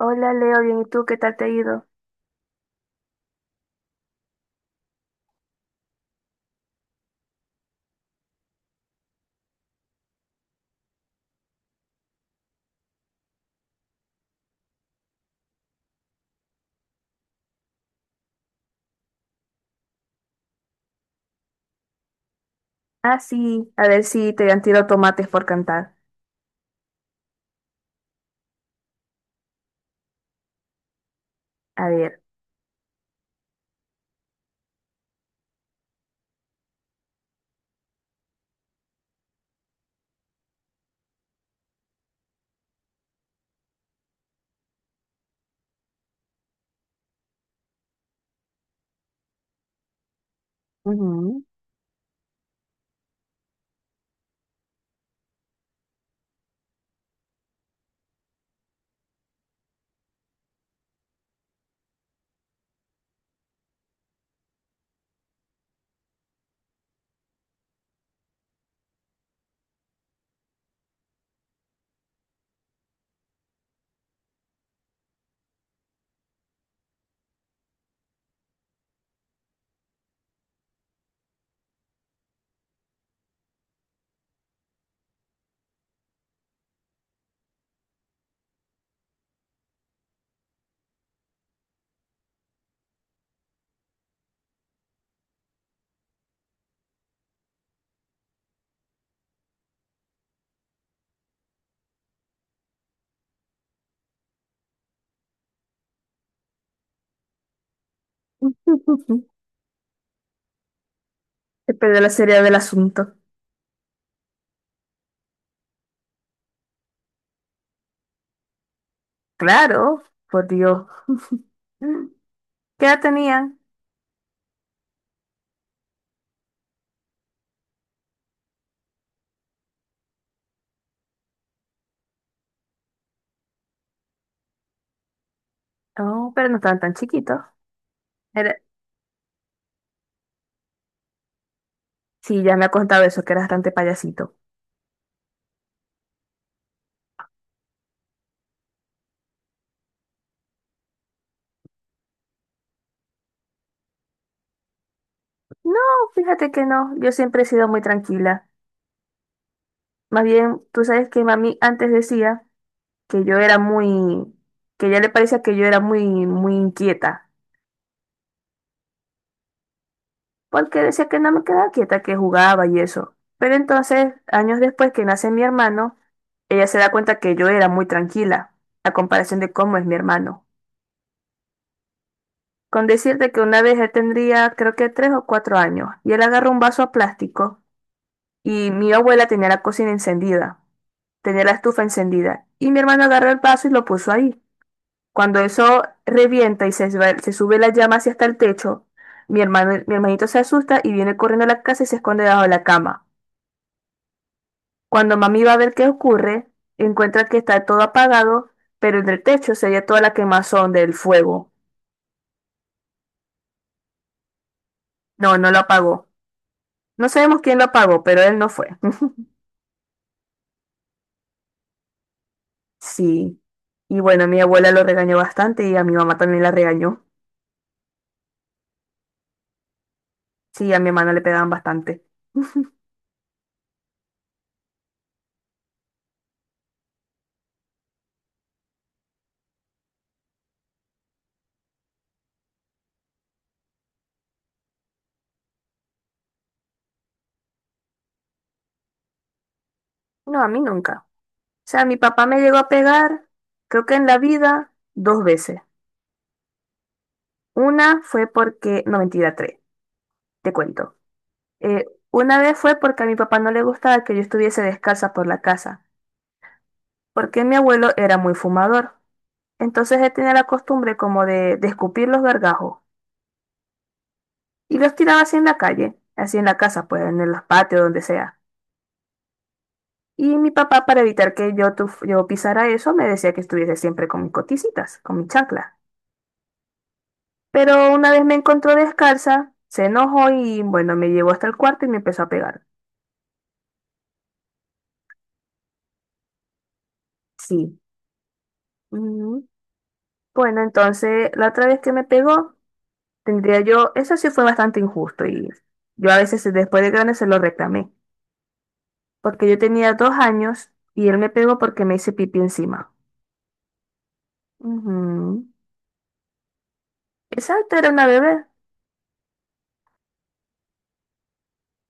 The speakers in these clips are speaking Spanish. Hola Leo, bien, ¿y tú qué tal te ha ido? Ah, sí, a ver si te han tirado tomates por cantar. A ver. Ujú. Te perdió la seriedad del asunto. Claro, por Dios. Mm, ¿qué edad tenían? Oh, pero no estaban tan chiquitos. Era- sí, ya me ha contado eso, que era bastante payasito. No, fíjate que no, yo siempre he sido muy tranquila. Más bien, tú sabes que mami antes decía que yo era muy, que ya le parecía que yo era muy inquieta. Porque decía que no me quedaba quieta, que jugaba y eso. Pero entonces, años después que nace mi hermano, ella se da cuenta que yo era muy tranquila, a comparación de cómo es mi hermano. Con decirte que una vez él tendría, creo que tres o cuatro años, y él agarró un vaso a plástico, y mi abuela tenía la cocina encendida, tenía la estufa encendida, y mi hermano agarró el vaso y lo puso ahí. Cuando eso revienta y se sube la llama hacia hasta el techo, mi hermano, mi hermanito se asusta y viene corriendo a la casa y se esconde debajo de la cama. Cuando mami va a ver qué ocurre, encuentra que está todo apagado, pero en el techo se veía toda la quemazón del fuego. No, no lo apagó. No sabemos quién lo apagó, pero él no fue. Sí. Y bueno, mi abuela lo regañó bastante y a mi mamá también la regañó. Sí, a mi hermano le pegaban bastante. No, a mí nunca. O sea, mi papá me llegó a pegar, creo que en la vida, 2 veces. Una fue porque, no, mentira, tres, te cuento. Eh, una vez fue porque a mi papá no le gustaba que yo estuviese descalza por la casa. Porque mi abuelo era muy fumador. Entonces él tenía la costumbre como de escupir los gargajos y los tiraba así en la calle, así en la casa, pues en los patios, donde sea. Y mi papá, para evitar que yo, yo pisara eso, me decía que estuviese siempre con mis coticitas, con mi chancla. Pero una vez me encontró descalza, se enojó y bueno, me llevó hasta el cuarto y me empezó a pegar. Sí. Ujú. Bueno, entonces la otra vez que me pegó, tendría yo, eso sí fue bastante injusto y yo a veces después de grande se lo reclamé. Porque yo tenía 2 años y él me pegó porque me hice pipí encima. Ujú. Exacto, era una bebé.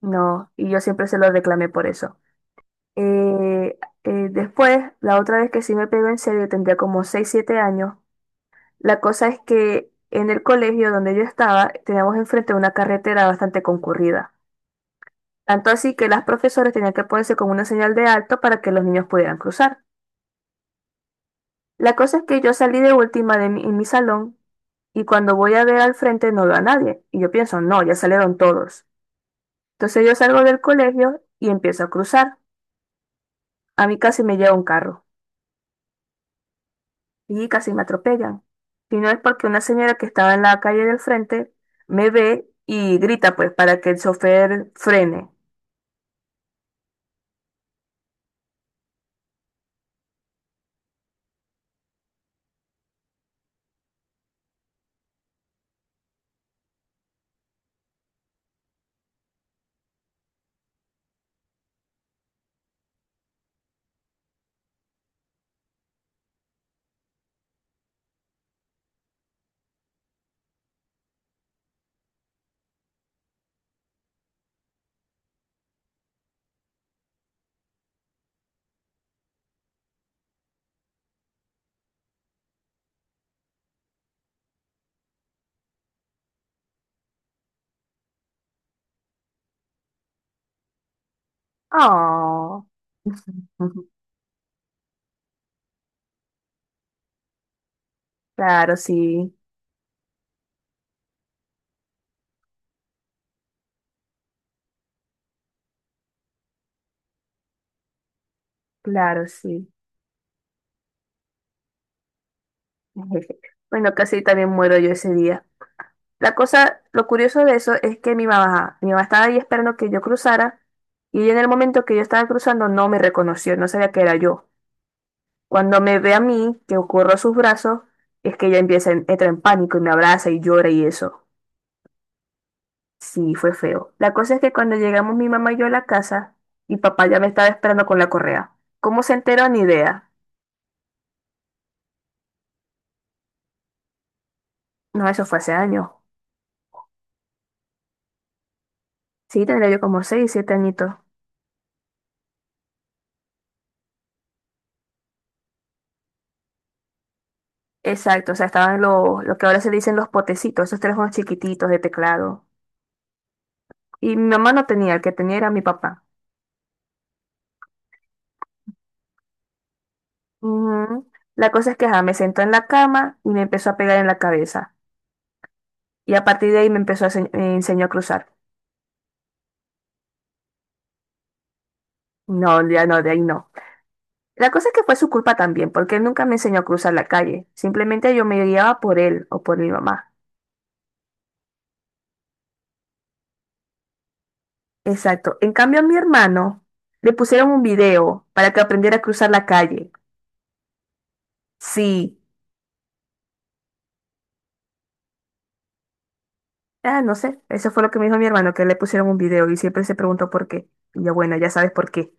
No, y yo siempre se lo reclamé por eso. Eh, Después, la otra vez que sí me pegó en serio, tendría como 6 7 años. La cosa es que en el colegio donde yo estaba, teníamos enfrente una carretera bastante concurrida. Tanto así que las profesoras tenían que ponerse con una señal de alto para que los niños pudieran cruzar. La cosa es que yo salí de última en mi salón y cuando voy a ver al frente no veo a nadie. Y yo pienso, no, ya salieron todos. Entonces yo salgo del colegio y empiezo a cruzar. A mí casi me lleva un carro y casi me atropellan. Y no es porque una señora que estaba en la calle del frente me ve y grita pues para que el chofer frene. Oh. Claro, sí, claro, sí. Bueno, casi también muero yo ese día. La cosa, lo curioso de eso es que mi mamá estaba ahí esperando que yo cruzara y ella en el momento que yo estaba cruzando no me reconoció, no sabía que era yo. Cuando me ve a mí, que ocurro sus brazos, es que ella empieza, entra en pánico y me abraza y llora y eso. Sí, fue feo. La cosa es que cuando llegamos mi mamá y yo a la casa, mi papá ya me estaba esperando con la correa. ¿Cómo se enteró? Ni idea. No, eso fue hace años. Sí, tendría yo como seis, siete añitos. Exacto, o sea, estaban los, lo que ahora se dicen los potecitos, esos teléfonos chiquititos de teclado. Y mi mamá no tenía, el que tenía era mi papá. Ujú. La cosa es que ajá, me sentó en la cama y me empezó a pegar en la cabeza. Y a partir de ahí me me enseñó a cruzar. No, ya no, de ahí no. La cosa es que fue su culpa también, porque él nunca me enseñó a cruzar la calle. Simplemente yo me guiaba por él o por mi mamá. Exacto. En cambio, a mi hermano le pusieron un video para que aprendiera a cruzar la calle. Sí. Ah, no sé. Eso fue lo que me dijo mi hermano, que le pusieron un video y siempre se preguntó por qué. Y yo, bueno, ya sabes por qué.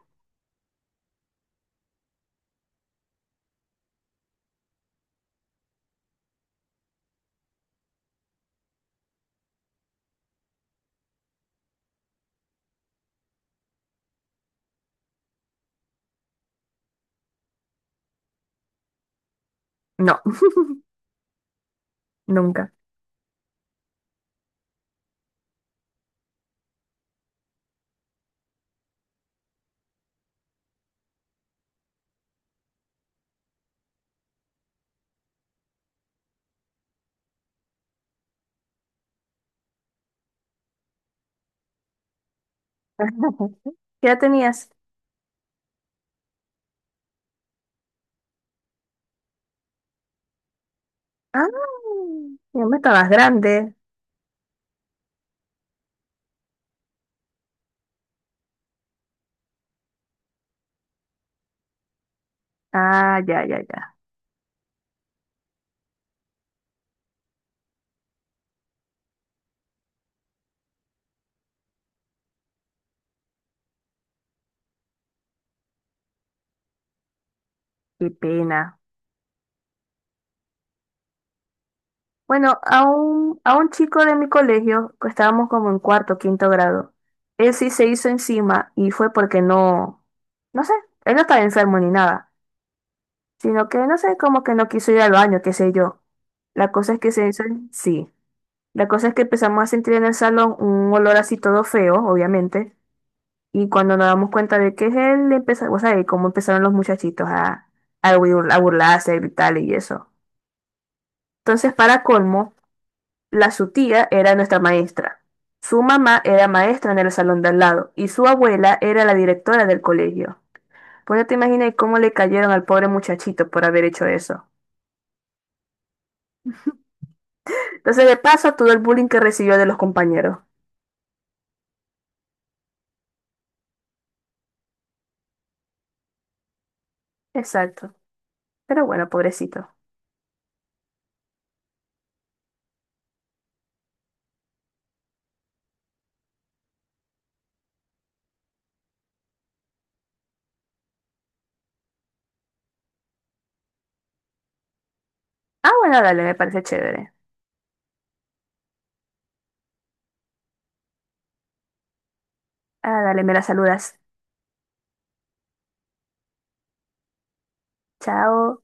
No, nunca. ¿Qué edad tenías? Ah, ya me estabas grande. Ah, ya, ya, ya. Qué pena. Bueno, a un chico de mi colegio, que estábamos como en cuarto, quinto grado, él sí se hizo encima y fue porque no, no sé, él no estaba enfermo ni nada, sino que no sé, como que no quiso ir al baño, qué sé yo. La cosa es que se hizo, en- sí. La cosa es que empezamos a sentir en el salón un olor así todo feo, obviamente. Y cuando nos damos cuenta de que es él, empezó, o sea, de cómo empezaron los muchachitos a, a burlarse, a gritarle y eso. Entonces, para colmo, la su tía era nuestra maestra. Su mamá era maestra en el salón de al lado y su abuela era la directora del colegio. Pues ya te imaginas cómo le cayeron al pobre muchachito por haber hecho eso. Entonces, de paso, todo el bullying que recibió de los compañeros. Exacto. Pero bueno, pobrecito. Ah, bueno, dale, me parece chévere. Ah, dale, me la saludas. Chao.